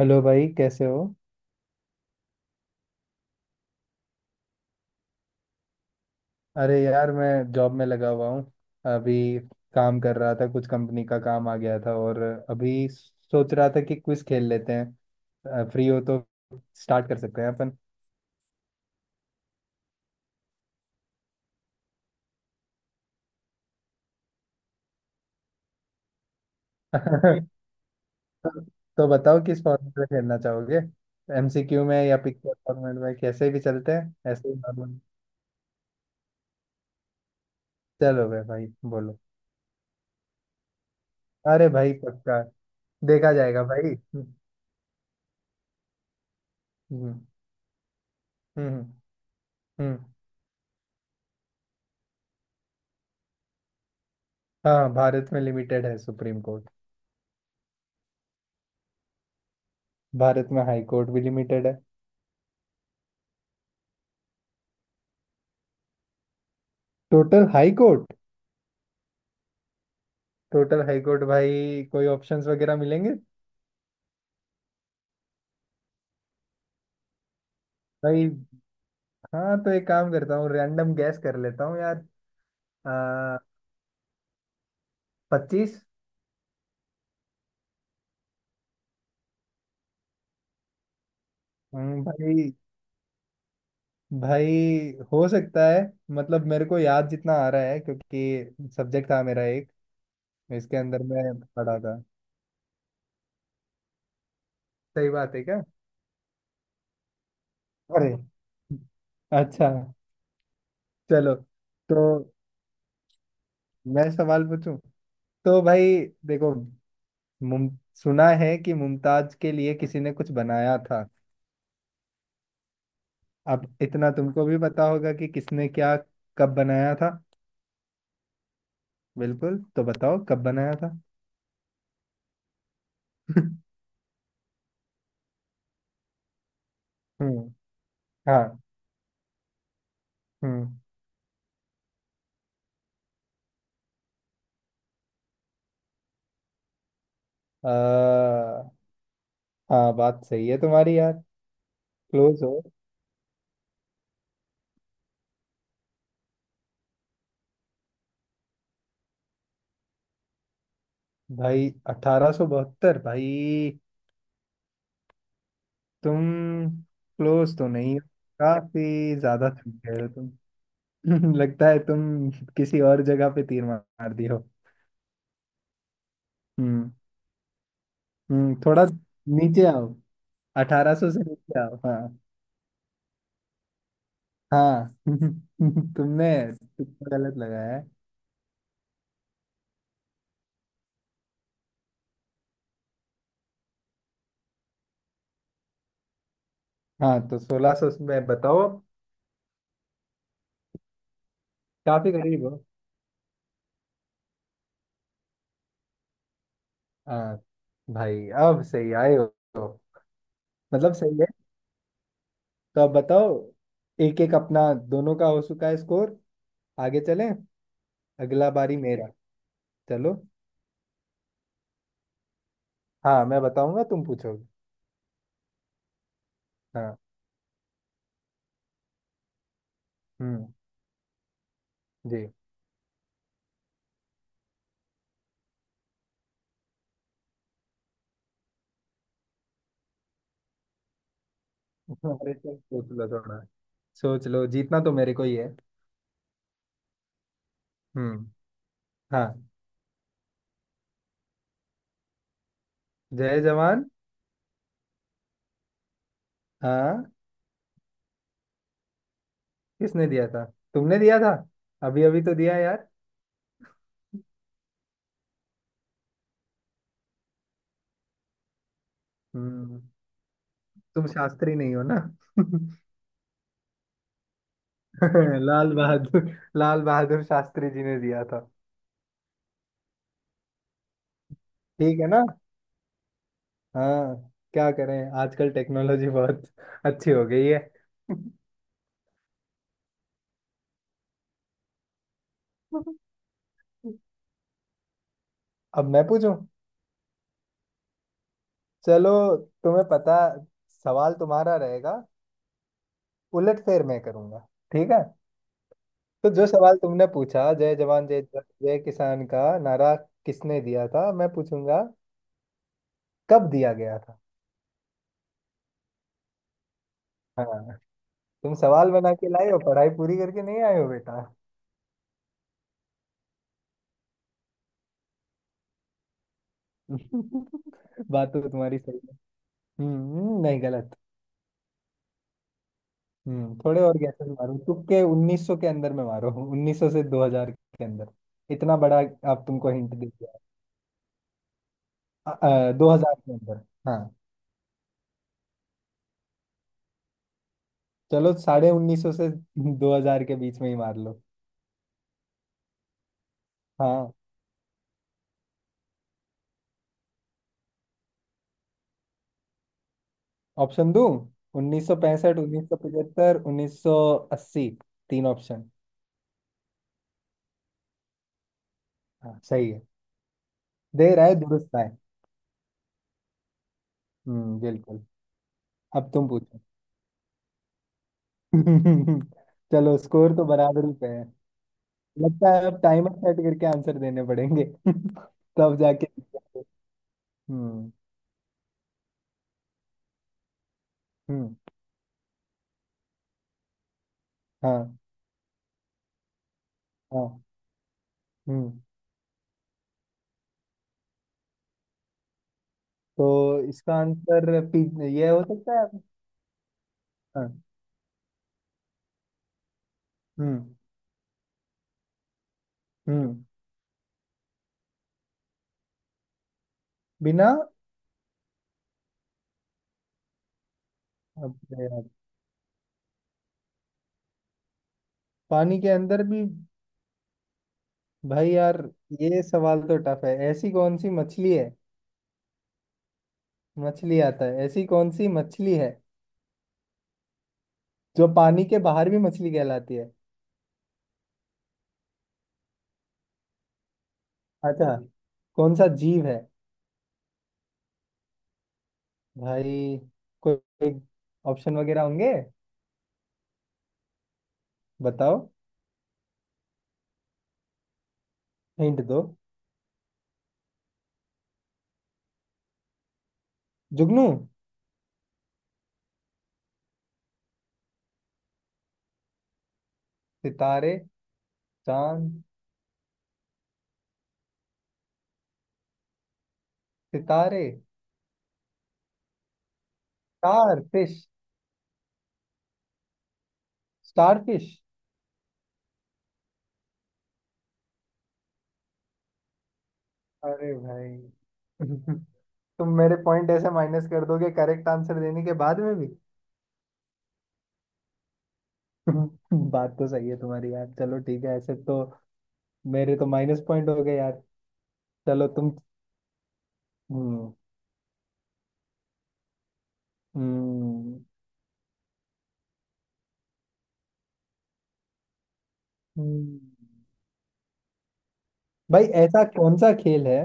Hello भाई, कैसे हो। अरे यार, मैं जॉब में लगा हुआ हूँ। अभी काम कर रहा था, कुछ कंपनी का काम आ गया था। और अभी सोच रहा था कि क्विज खेल लेते हैं, फ्री हो तो स्टार्ट कर सकते हैं अपन। तो बताओ किस फॉर्मेट में खेलना चाहोगे। एमसीक्यू में या पिक्चर फॉर्मेट में, कैसे भी चलते हैं ऐसे ही नॉर्मल। चलो भाई भाई बोलो। अरे भाई, पक्का देखा जाएगा भाई। हम्म। हम्म। हम्म। हम्म। हाँ, भारत में लिमिटेड है सुप्रीम कोर्ट। भारत में हाई कोर्ट भी लिमिटेड है। Total high court. Total high court भाई, कोई ऑप्शंस वगैरह मिलेंगे। भाई, हाँ तो एक काम करता हूँ, रैंडम गैस कर लेता हूँ यार। आ, 25। भाई। भाई, हो सकता है। मतलब मेरे को याद जितना आ रहा है, क्योंकि सब्जेक्ट था मेरा एक। इसके अंदर मैं पढ़ा था। सही बात है क्या। अरे, अच्छा। चलो तो मैं सवाल पूछूं। तो भाई देखो, मुम सुना है कि मुमताज के लिए किसी ने कुछ बनाया था। अब इतना तुमको भी पता होगा कि किसने क्या कब बनाया था। बिल्कुल, तो बताओ कब बनाया था। हम्म। हाँ। हम्म। आ, हाँ बात सही है तुम्हारी यार। क्लोज हो। भाई 1872, भाई तुम क्लोज तो नहीं हो। काफी ज्यादा थक गए हो तुम। लगता है तुम किसी और जगह पे तीर मार दिए हो। हम्म। हम्म, थोड़ा नीचे आओ। 1800 से नीचे आओ, हाँ। हाँ। तुमने तुक्का गलत लगाया है। हाँ तो 1600 में बताओ अब। काफी करीब हो। हाँ भाई, अब सही आए हो। मतलब सही है। तो अब बताओ, एक एक अपना दोनों का हो चुका है स्कोर। आगे चलें। अगला बारी मेरा। चलो, हाँ मैं बताऊंगा तुम पूछोगे। हाँ। हम्म। जी। अरे चल, सोच लो थोड़ा। सोच लो, जीतना तो मेरे को ही है। हम्म। हाँ। जय जवान। हाँ। किसने दिया था। तुमने दिया था, अभी अभी तो दिया यार। हम्म। तुम शास्त्री नहीं हो ना। लाल बहादुर, लाल बहादुर शास्त्री जी ने दिया था। ठीक है ना। हाँ, क्या करें आजकल टेक्नोलॉजी बहुत अच्छी हो गई है। अब मैं पूछूं। चलो, तुम्हें पता, सवाल तुम्हारा रहेगा, उलट फेर मैं करूंगा, ठीक है। तो जो सवाल तुमने पूछा, जय जवान जय जय किसान का नारा किसने दिया था, मैं पूछूंगा कब दिया गया था। हाँ। तुम सवाल बना के लाए हो, पढ़ाई पूरी करके नहीं आए हो बेटा। बात तो तुम्हारी सही है। हम्म, नहीं गलत। हम्म, थोड़े और गैसेस मारो तुक्के। 1900 के अंदर में मारो, 1900 से 2000 के अंदर। इतना बड़ा। आप तुमको हिंट दे दिया। 2000 के अंदर। हाँ। चलो, 1950 से 2000 के बीच में ही मार लो। हाँ। ऑप्शन दूं, 1965, 1975, 1980, तीन ऑप्शन। हाँ सही है। दे रहा है, दुरुस्त है। हम्म, बिल्कुल। अब तुम पूछो। चलो, स्कोर तो बराबरी पे है। लगता है अब टाइमर सेट करके आंसर देने पड़ेंगे तब जाके। हम्म। हम्म। हाँ। हाँ। हम्म। तो इसका आंसर ये हो सकता है। हाँ। हम्म। हम्म। बिना। अबे यार, पानी के अंदर भी। भाई यार, ये सवाल तो टफ है। ऐसी कौन सी मछली है। मछली आता है, ऐसी कौन सी मछली है जो पानी के बाहर भी मछली कहलाती है। अच्छा, कौन सा जीव है। भाई कोई ऑप्शन वगैरह होंगे। बताओ। हिंट दो। जुगनू। सितारे। चांद। सितारे। Starfish. Starfish. अरे भाई। तुम मेरे पॉइंट ऐसे माइनस कर दोगे करेक्ट आंसर देने के बाद में भी। बात तो सही है तुम्हारी यार, चलो ठीक है। ऐसे तो मेरे तो माइनस पॉइंट हो गए यार। चलो तुम। हम्म। हम्म। हम्म। भाई ऐसा कौन सा खेल है,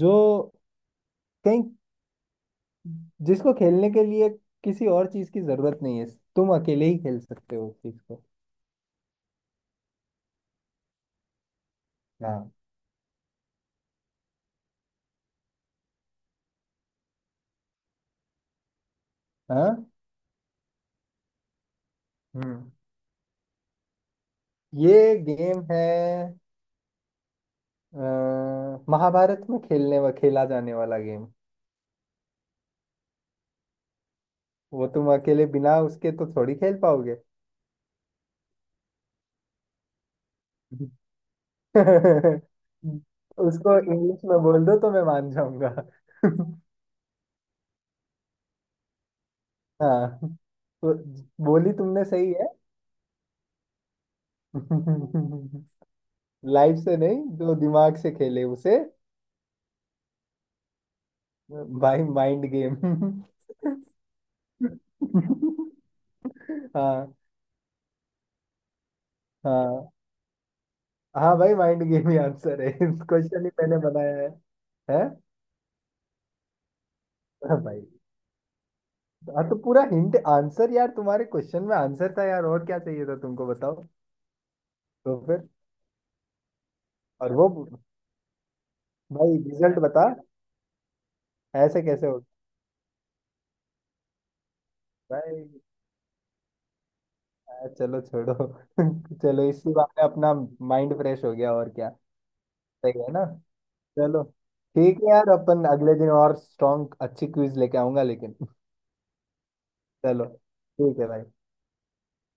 जो कहीं, जिसको खेलने के लिए किसी और चीज की जरूरत नहीं है। तुम अकेले ही खेल सकते हो उस चीज को। हाँ। हाँ। हम्म। ये गेम है, अ, महाभारत में खेलने व खेला जाने वाला गेम। वो तुम अकेले बिना उसके तो थोड़ी खेल पाओगे। उसको इंग्लिश में बोल दो तो मैं मान जाऊंगा। हाँ, तो बोली तुमने सही है। लाइफ से नहीं, जो दिमाग से खेले उसे। भाई, माइंड गेम। हाँ। हाँ। हाँ भाई, माइंड गेम ही आंसर है, इस क्वेश्चन ही मैंने बनाया है। है। हाँ भाई। हाँ तो पूरा हिंट आंसर यार, तुम्हारे क्वेश्चन में आंसर था यार, और क्या चाहिए था तुमको, बताओ। तो फिर। और वो। भाई, रिजल्ट बता। ऐसे कैसे हो भाई। हाँ, चलो छोड़ो। चलो इसी बात में अपना माइंड फ्रेश हो गया, और क्या। सही है ना। चलो, ठीक है यार, अपन अगले दिन और स्ट्रॉन्ग अच्छी क्विज लेके आऊंगा लेकिन। चलो, ठीक है भाई।